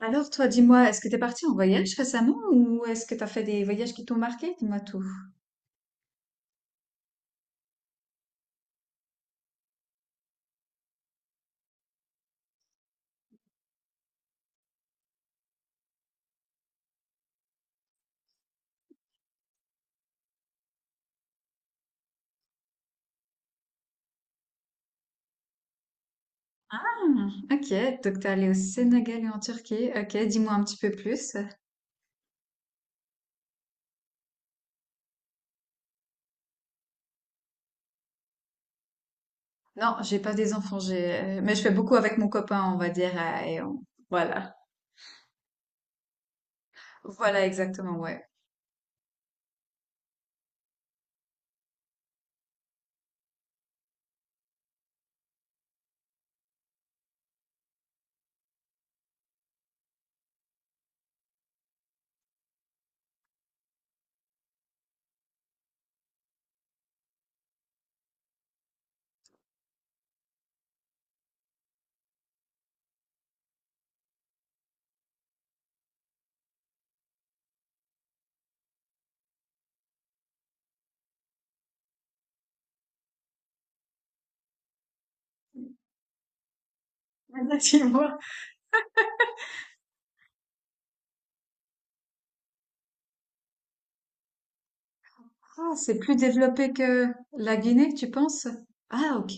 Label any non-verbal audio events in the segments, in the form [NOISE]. Alors toi, dis-moi, est-ce que t'es parti en voyage récemment ou est-ce que t'as fait des voyages qui t'ont marqué? Dis-moi tout. Ah, ok, donc t'es allé au Sénégal et en Turquie. Ok, dis-moi un petit peu plus. Non, j'ai pas des enfants, mais je fais beaucoup avec mon copain, on va dire, et voilà, voilà exactement, ouais. [LAUGHS] Dis-moi. Ah, c'est plus développé que la Guinée, tu penses? Ah, ok.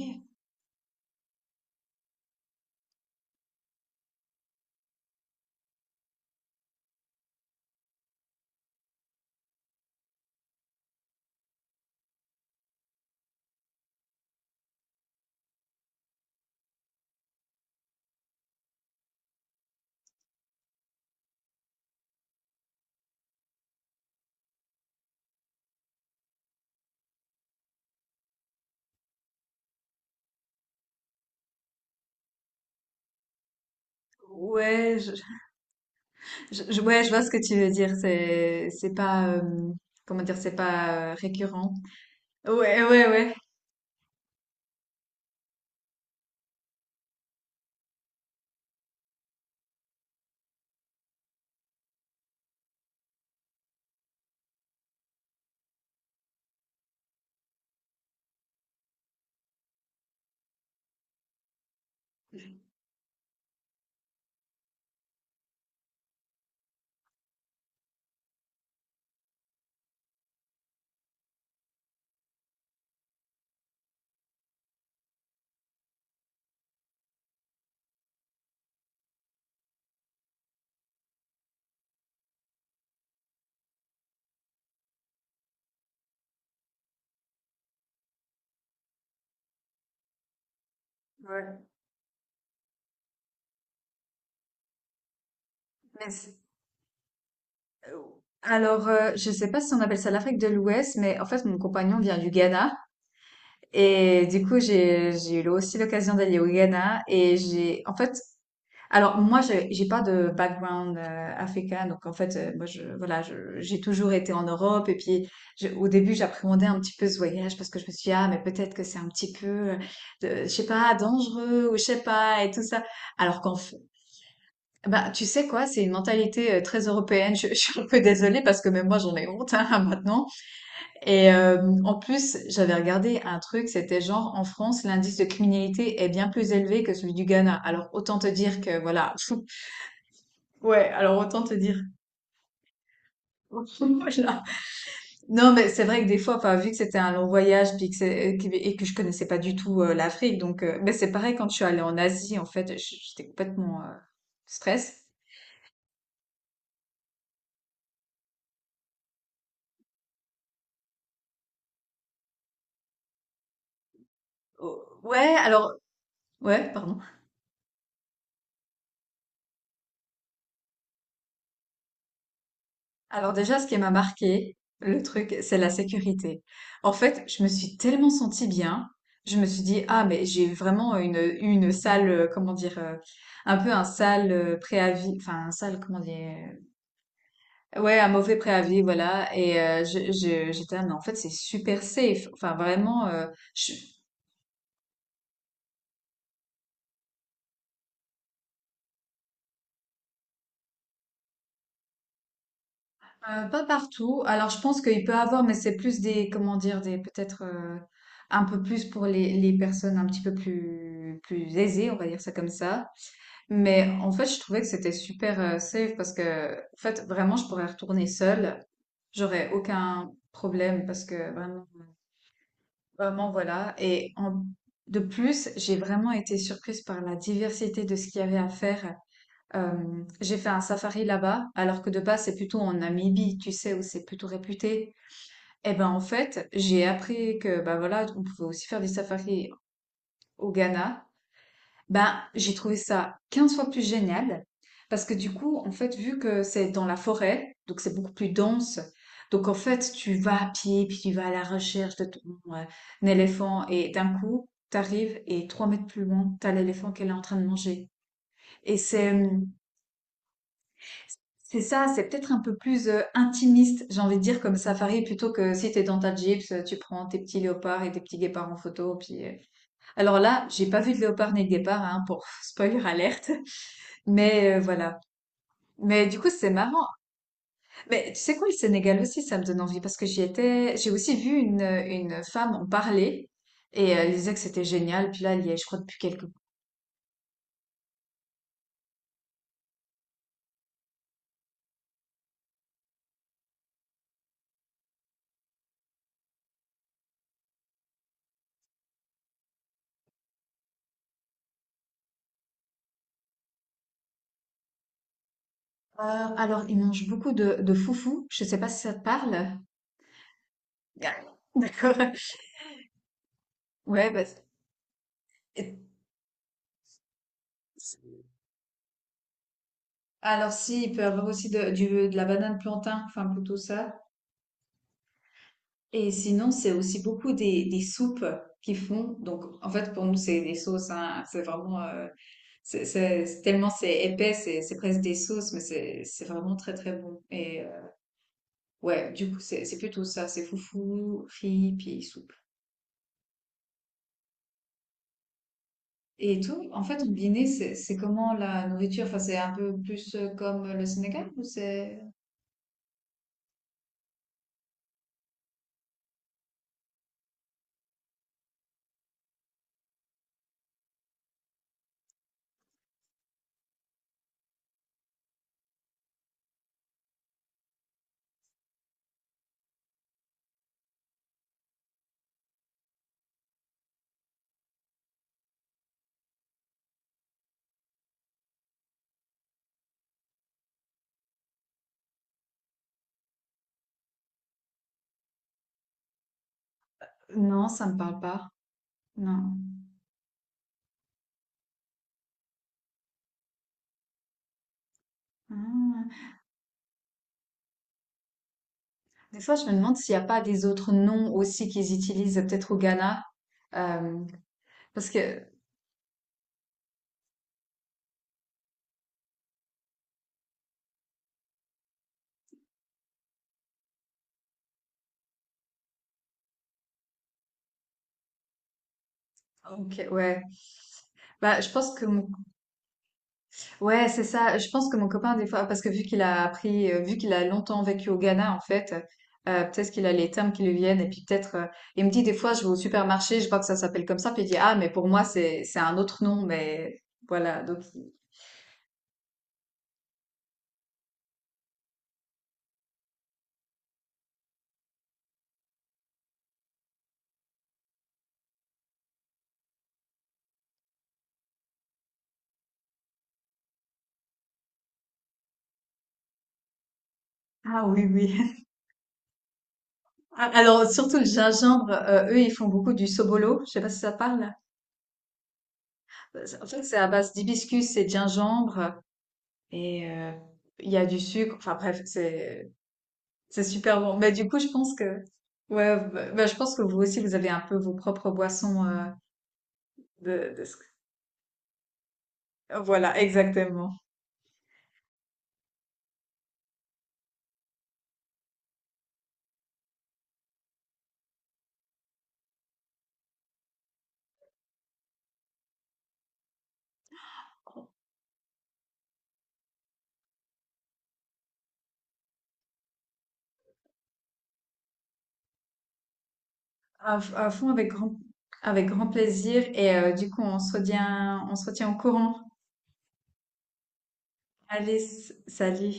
Ouais, ouais, je vois ce que tu veux dire. C'est pas, comment dire, c'est pas récurrent. Ouais, ouais, ouais. Ouais. Mais c'est- euh, Alors, je sais pas si on appelle ça l'Afrique de l'Ouest, mais en fait, mon compagnon vient du Ghana. Et du coup, j'ai eu aussi l'occasion d'aller au Ghana. En fait, alors moi, j'ai pas de background africain. Donc, en fait, moi, voilà, j'ai toujours été en Europe. Et puis, au début, j'appréhendais un petit peu ce voyage parce que je me suis dit, ah, mais peut-être que c'est un petit peu, je sais pas, dangereux ou je sais pas, et tout ça. Alors qu'en Bah, tu sais quoi, c'est une mentalité très européenne. Je, [LAUGHS] je suis un peu désolée parce que même moi j'en ai honte, hein, [LAUGHS] maintenant. Et en plus, j'avais regardé un truc, c'était genre en France, l'indice de criminalité est bien plus élevé que celui du Ghana. Alors autant te dire que voilà. [LAUGHS] Ouais, alors autant te dire. [LAUGHS] Voilà. Non, mais c'est vrai que des fois, enfin, vu que c'était un long voyage puis que et que je connaissais pas du tout l'Afrique, donc mais c'est pareil quand je suis allée en Asie, en fait, j'étais complètement stress. Oh, ouais, alors ouais, pardon. Alors déjà, ce qui m'a marqué, le truc, c'est la sécurité. En fait, je me suis tellement sentie bien. Je me suis dit, ah, mais j'ai vraiment une salle, comment dire, un peu un sale préavis, enfin, un sale, comment dire, ouais, un mauvais préavis, voilà. Et j'étais, ah, mais en fait, c'est super safe. Enfin, vraiment, je- pas partout. Alors, je pense qu'il peut avoir, mais c'est plus des, comment dire, des, peut-être, un peu plus pour les personnes un petit peu plus aisées, on va dire ça comme ça. Mais en fait, je trouvais que c'était super safe parce que, en fait, vraiment, je pourrais retourner seule. J'aurais aucun problème parce que vraiment, vraiment, voilà. Et de plus, j'ai vraiment été surprise par la diversité de ce qu'il y avait à faire. J'ai fait un safari là-bas, alors que de base, c'est plutôt en Namibie, tu sais, où c'est plutôt réputé. Et ben, en fait, j'ai appris que, bah voilà, on pouvait aussi faire des safaris au Ghana. Ben, j'ai trouvé ça 15 fois plus génial parce que du coup, en fait, vu que c'est dans la forêt, donc c'est beaucoup plus dense. Donc en fait, tu vas à pied, puis tu vas à la recherche de ton euh, un éléphant et d'un coup, t'arrives et 3 mètres plus loin, t'as l'éléphant qu'elle est en train de manger. Et c'est ça, c'est peut-être un peu plus intimiste, j'ai envie de dire, comme safari, plutôt que si t'es dans ta Jeep, tu prends tes petits léopards et tes petits guépards en photo. Puis. Alors là, j'ai pas vu de léopard ni de guépard, hein, pour [LAUGHS] spoiler alerte. Mais voilà. Mais du coup, c'est marrant. Mais tu sais quoi, le Sénégal aussi, ça me donne envie parce que j'y étais, j'ai aussi vu une femme en parler et elle disait que c'était génial. Puis là, elle y est, je crois, depuis quelques heures. Alors, ils mangent beaucoup de, foufou. Je sais pas si ça te parle. Ah, d'accord. [LAUGHS] Ouais, bah, c'est- alors si, il peut y avoir aussi de, du, de la banane plantain, enfin plutôt ça. Et sinon, c'est aussi beaucoup des, soupes qu'ils font. Donc, en fait, pour nous, c'est des sauces. Hein. C'est vraiment, c'est tellement c'est épais, c'est presque des sauces, mais c'est vraiment très très bon. Et ouais, du coup, c'est plutôt ça. C'est foufou, riz, puis soupe. Et tout, en fait, combiné, c'est comment la nourriture? Enfin, c'est un peu plus comme le Sénégal ou c'est. Non, ça me parle pas. Non. Ah. Des fois, je me demande s'il n'y a pas des autres noms aussi qu'ils utilisent, peut-être au Ghana. Euh, Parce que, ok, ouais. Bah, je pense que mon. Ouais, c'est ça. Je pense que mon copain, des fois, parce que vu qu'il a appris, vu qu'il a longtemps vécu au Ghana, en fait, peut-être qu'il a les termes qui lui viennent. Et puis peut-être, il me dit des fois, je vais au supermarché, je vois que ça s'appelle comme ça, puis il dit, ah, mais pour moi, c'est un autre nom, mais voilà. Donc, ah oui, oui. [LAUGHS] Ah, alors, surtout le gingembre, eux, ils font beaucoup du sobolo. Je sais pas si ça te parle. En fait, c'est à base d'hibiscus et de gingembre, et il y a du sucre. Enfin bref, C'est super bon. Bah, du coup, je pense que, ouais, bah, je pense que vous aussi, vous avez un peu vos propres boissonsde, de ce- Voilà, exactement. À fond, avec grand plaisir. Et du coup, on se retient au courant. Allez, salut.